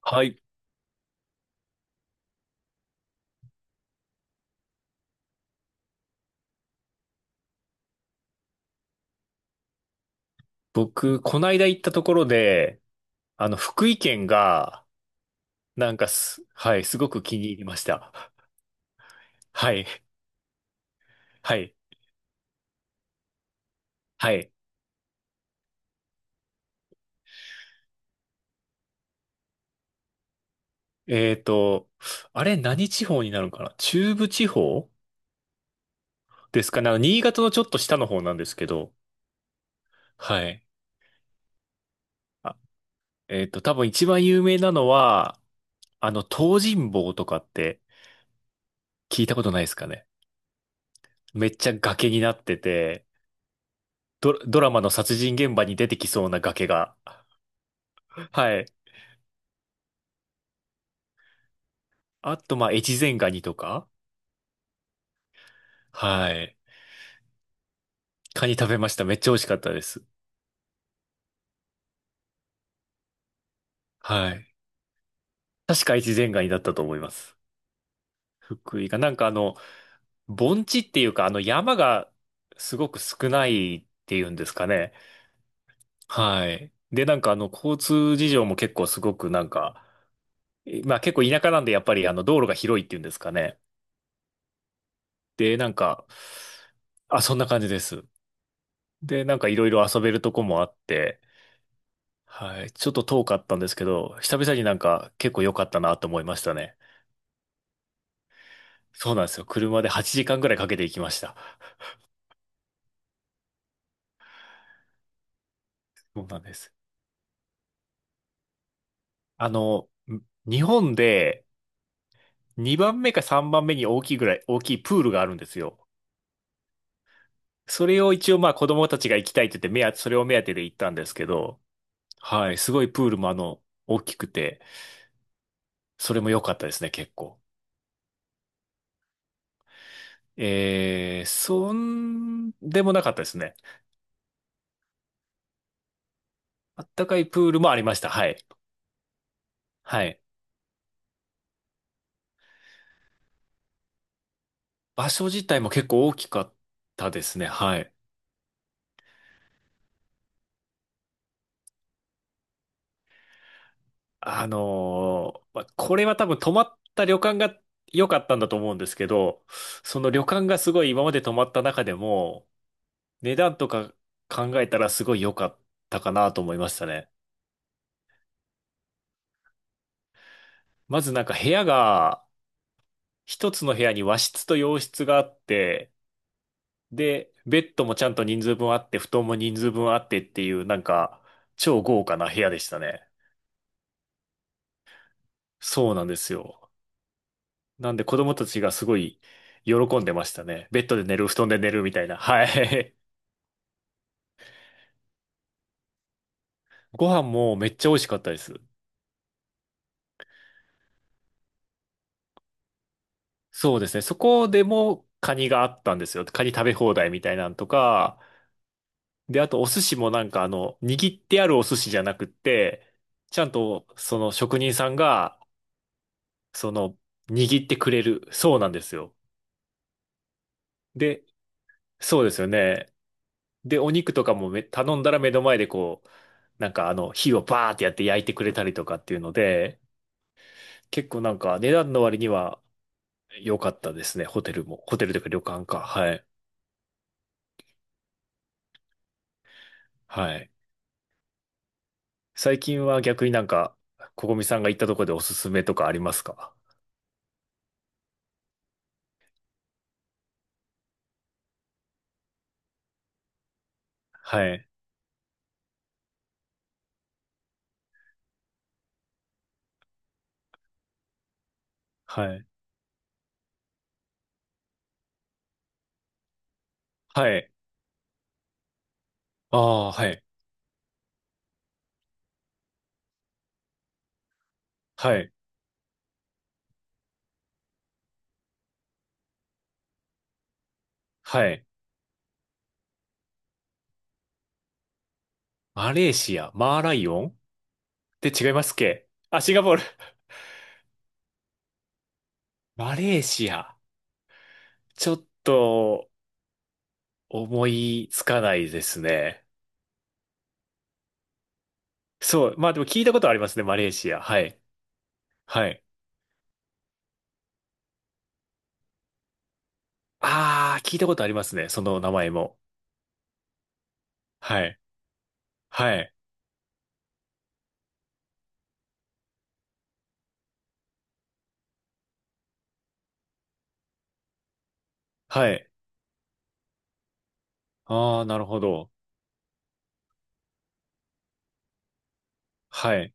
はい。僕、こないだ行ったところで、福井県が、なんかす、はい、すごく気に入りました。はい、はい、はい。えーと、あれ、何地方になるのかな。中部地方ですかね。あの、新潟のちょっと下の方なんですけど、はい。あ、多分一番有名なのは、東尋坊とかって聞いたことないですかね。めっちゃ崖になってて、ドラマの殺人現場に出てきそうな崖が。はい。あと、まあ、越前ガニとか。はい。カニ食べました。めっちゃ美味しかったです。はい。確か越前ガニだったと思います。福井が。盆地っていうか、あの、山がすごく少ないっていうんですかね。はい。で、交通事情も結構すごくなんか、まあ結構田舎なんで、やっぱり道路が広いっていうんですかね。で、なんか、あ、そんな感じです。で、なんかいろいろ遊べるとこもあって、はい。ちょっと遠かったんですけど、久々になんか結構良かったなと思いましたね。そうなんですよ。車で8時間ぐらいかけて行きました。そうなんです。あの、日本で2番目か3番目に大きいぐらい、大きいプールがあるんですよ。それを一応まあ子供たちが行きたいって言って、それを目当てで行ったんですけど、はい。すごいプールも、大きくて、それも良かったですね、結構。えー、そんでもなかったですね。あったかいプールもありました。はい。はい。場所自体も結構大きかったですね。はい。まあ、これは多分泊まった旅館が良かったんだと思うんですけど、その旅館がすごい今まで泊まった中でも、値段とか考えたらすごい良かったかなと思いましたね。まずなんか部屋が、一つの部屋に和室と洋室があって、で、ベッドもちゃんと人数分あって、布団も人数分あってっていう、なんか、超豪華な部屋でしたね。そうなんですよ。なんで子供たちがすごい喜んでましたね。ベッドで寝る、布団で寝るみたいな。はい。ご飯もめっちゃ美味しかったです。そうですね。そこでもカニがあったんですよ。カニ食べ放題みたいなんとか。で、あとお寿司も、握ってあるお寿司じゃなくって、ちゃんとその職人さんが、その、握ってくれる。そうなんですよ。で、そうですよね。で、お肉とかも、頼んだら目の前でこう、火をバーってやって焼いてくれたりとかっていうので、結構なんか値段の割には良かったですね。ホテルも。ホテルというか旅館か。はい。はい。最近は逆になんか、ここみさんが行ったとこでおすすめとかありますか？はい。はい。はい。ああ、はい。はい。はい。マレーシア、マーライオンって違いますっけ？あ、シンガポール。マレーシア。ちょっと思いつかないですね。そう。まあでも聞いたことありますね、マレーシア。はい。はい。ああ、聞いたことありますね、その名前も。はい。はい。はい。ああ、なるほど。はい。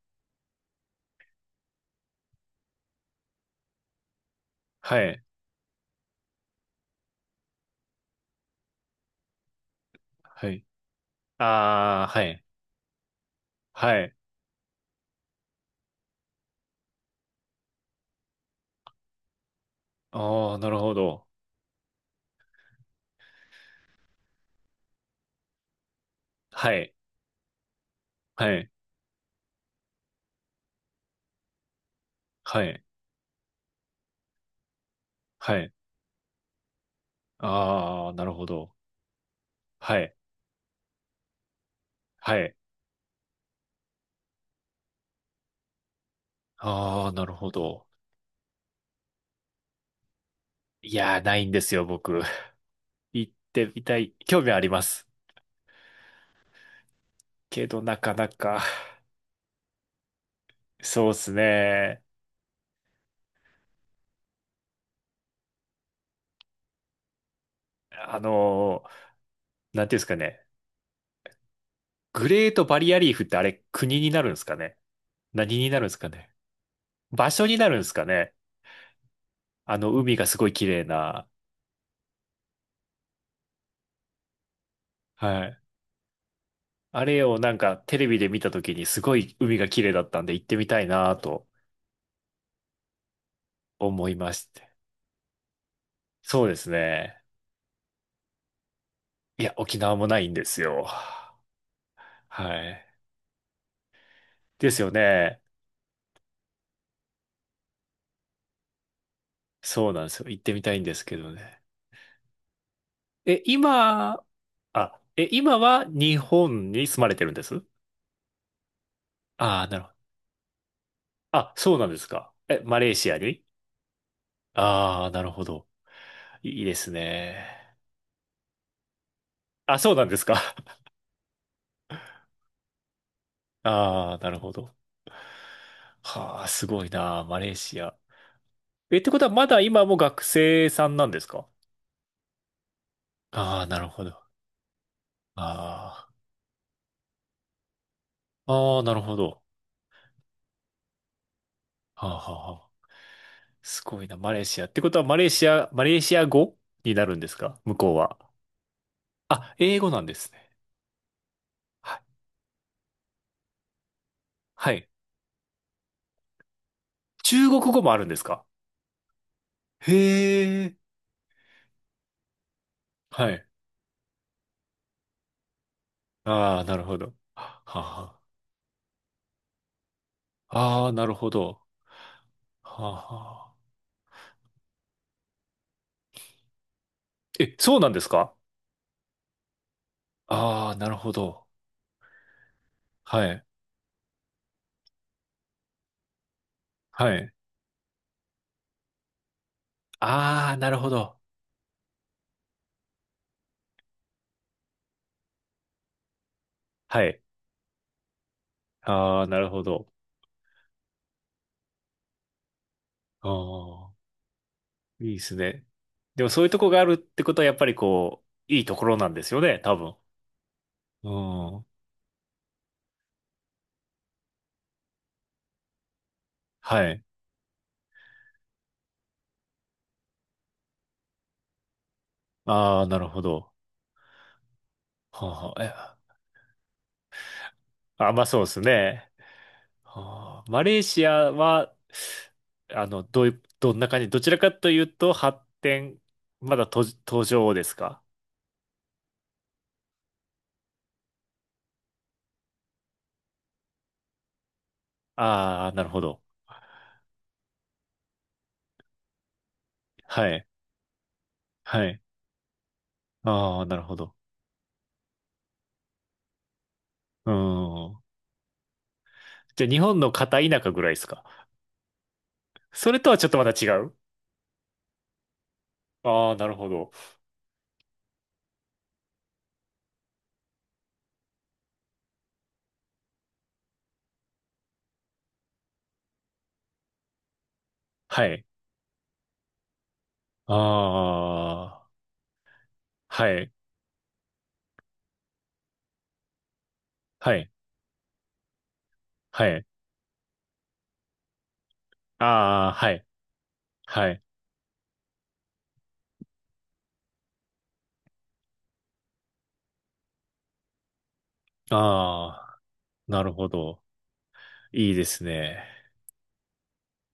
はい。はい。ああ、はい。はい。ああ、なるほど。はい。はい。はい。はい。ああ、なるほど。はい。はい。ああ、なるほど。いやー、ないんですよ、僕。行ってみたい。興味はあります。けど、なかなか。そうですね。あのなんていうんですかね。グレートバリアリーフってあれ、国になるんですかね。何になるんですかね。場所になるんですかね。あの、海がすごい綺麗な、はい。あれをなんかテレビで見た時にすごい海が綺麗だったんで行ってみたいなと思いまして。そうですね。いや、沖縄もないんですよ。はい。ですよね。そうなんですよ。行ってみたいんですけどね。え、今、あ、え、今は日本に住まれてるんです？ああー、なるほど。あ、そうなんですか。え、マレーシアに？ああー、なるほど。いいですね。あ、そうなんですか。ああ、なるほど。はあ、すごいな、マレーシア。え、ってことはまだ今も学生さんなんですか？ああ、なるほど。ああ、ああ、なるほど。はあ、はあ、はあ。すごいな、マレーシア。ってことは、マレーシア語になるんですか、向こうは。あ、英語なんですね。はい。はい。中国語もあるんですか？へえ。はい。ああ、なるほど。はあ、はあ。ああ、なるほど。はあ、はあ。え、そうなんですか？ああ、なるほど。はい。はい。ああ、なるほど。はい。ああ、なるほど。ああ、いいですね。でもそういうとこがあるってことは、やっぱりこう、いいところなんですよね、多分。うん。はい。ああ、なるほど。はあ、はあ、えあ、まあそうですね。はあ、マレーシアは、あの、どういう、どんな感じ、どちらかというと、発展、まだ途、途上ですか？ああー、なるほど。はい。はい。ああ、なるほど。うん。じゃあ日本の片田舎ぐらいですか？それとはちょっとまた違う？ああー、なるほど。はい。ああ、はい。はい。はい。ああ、はい。はい。ああ、なるほど。いいですね。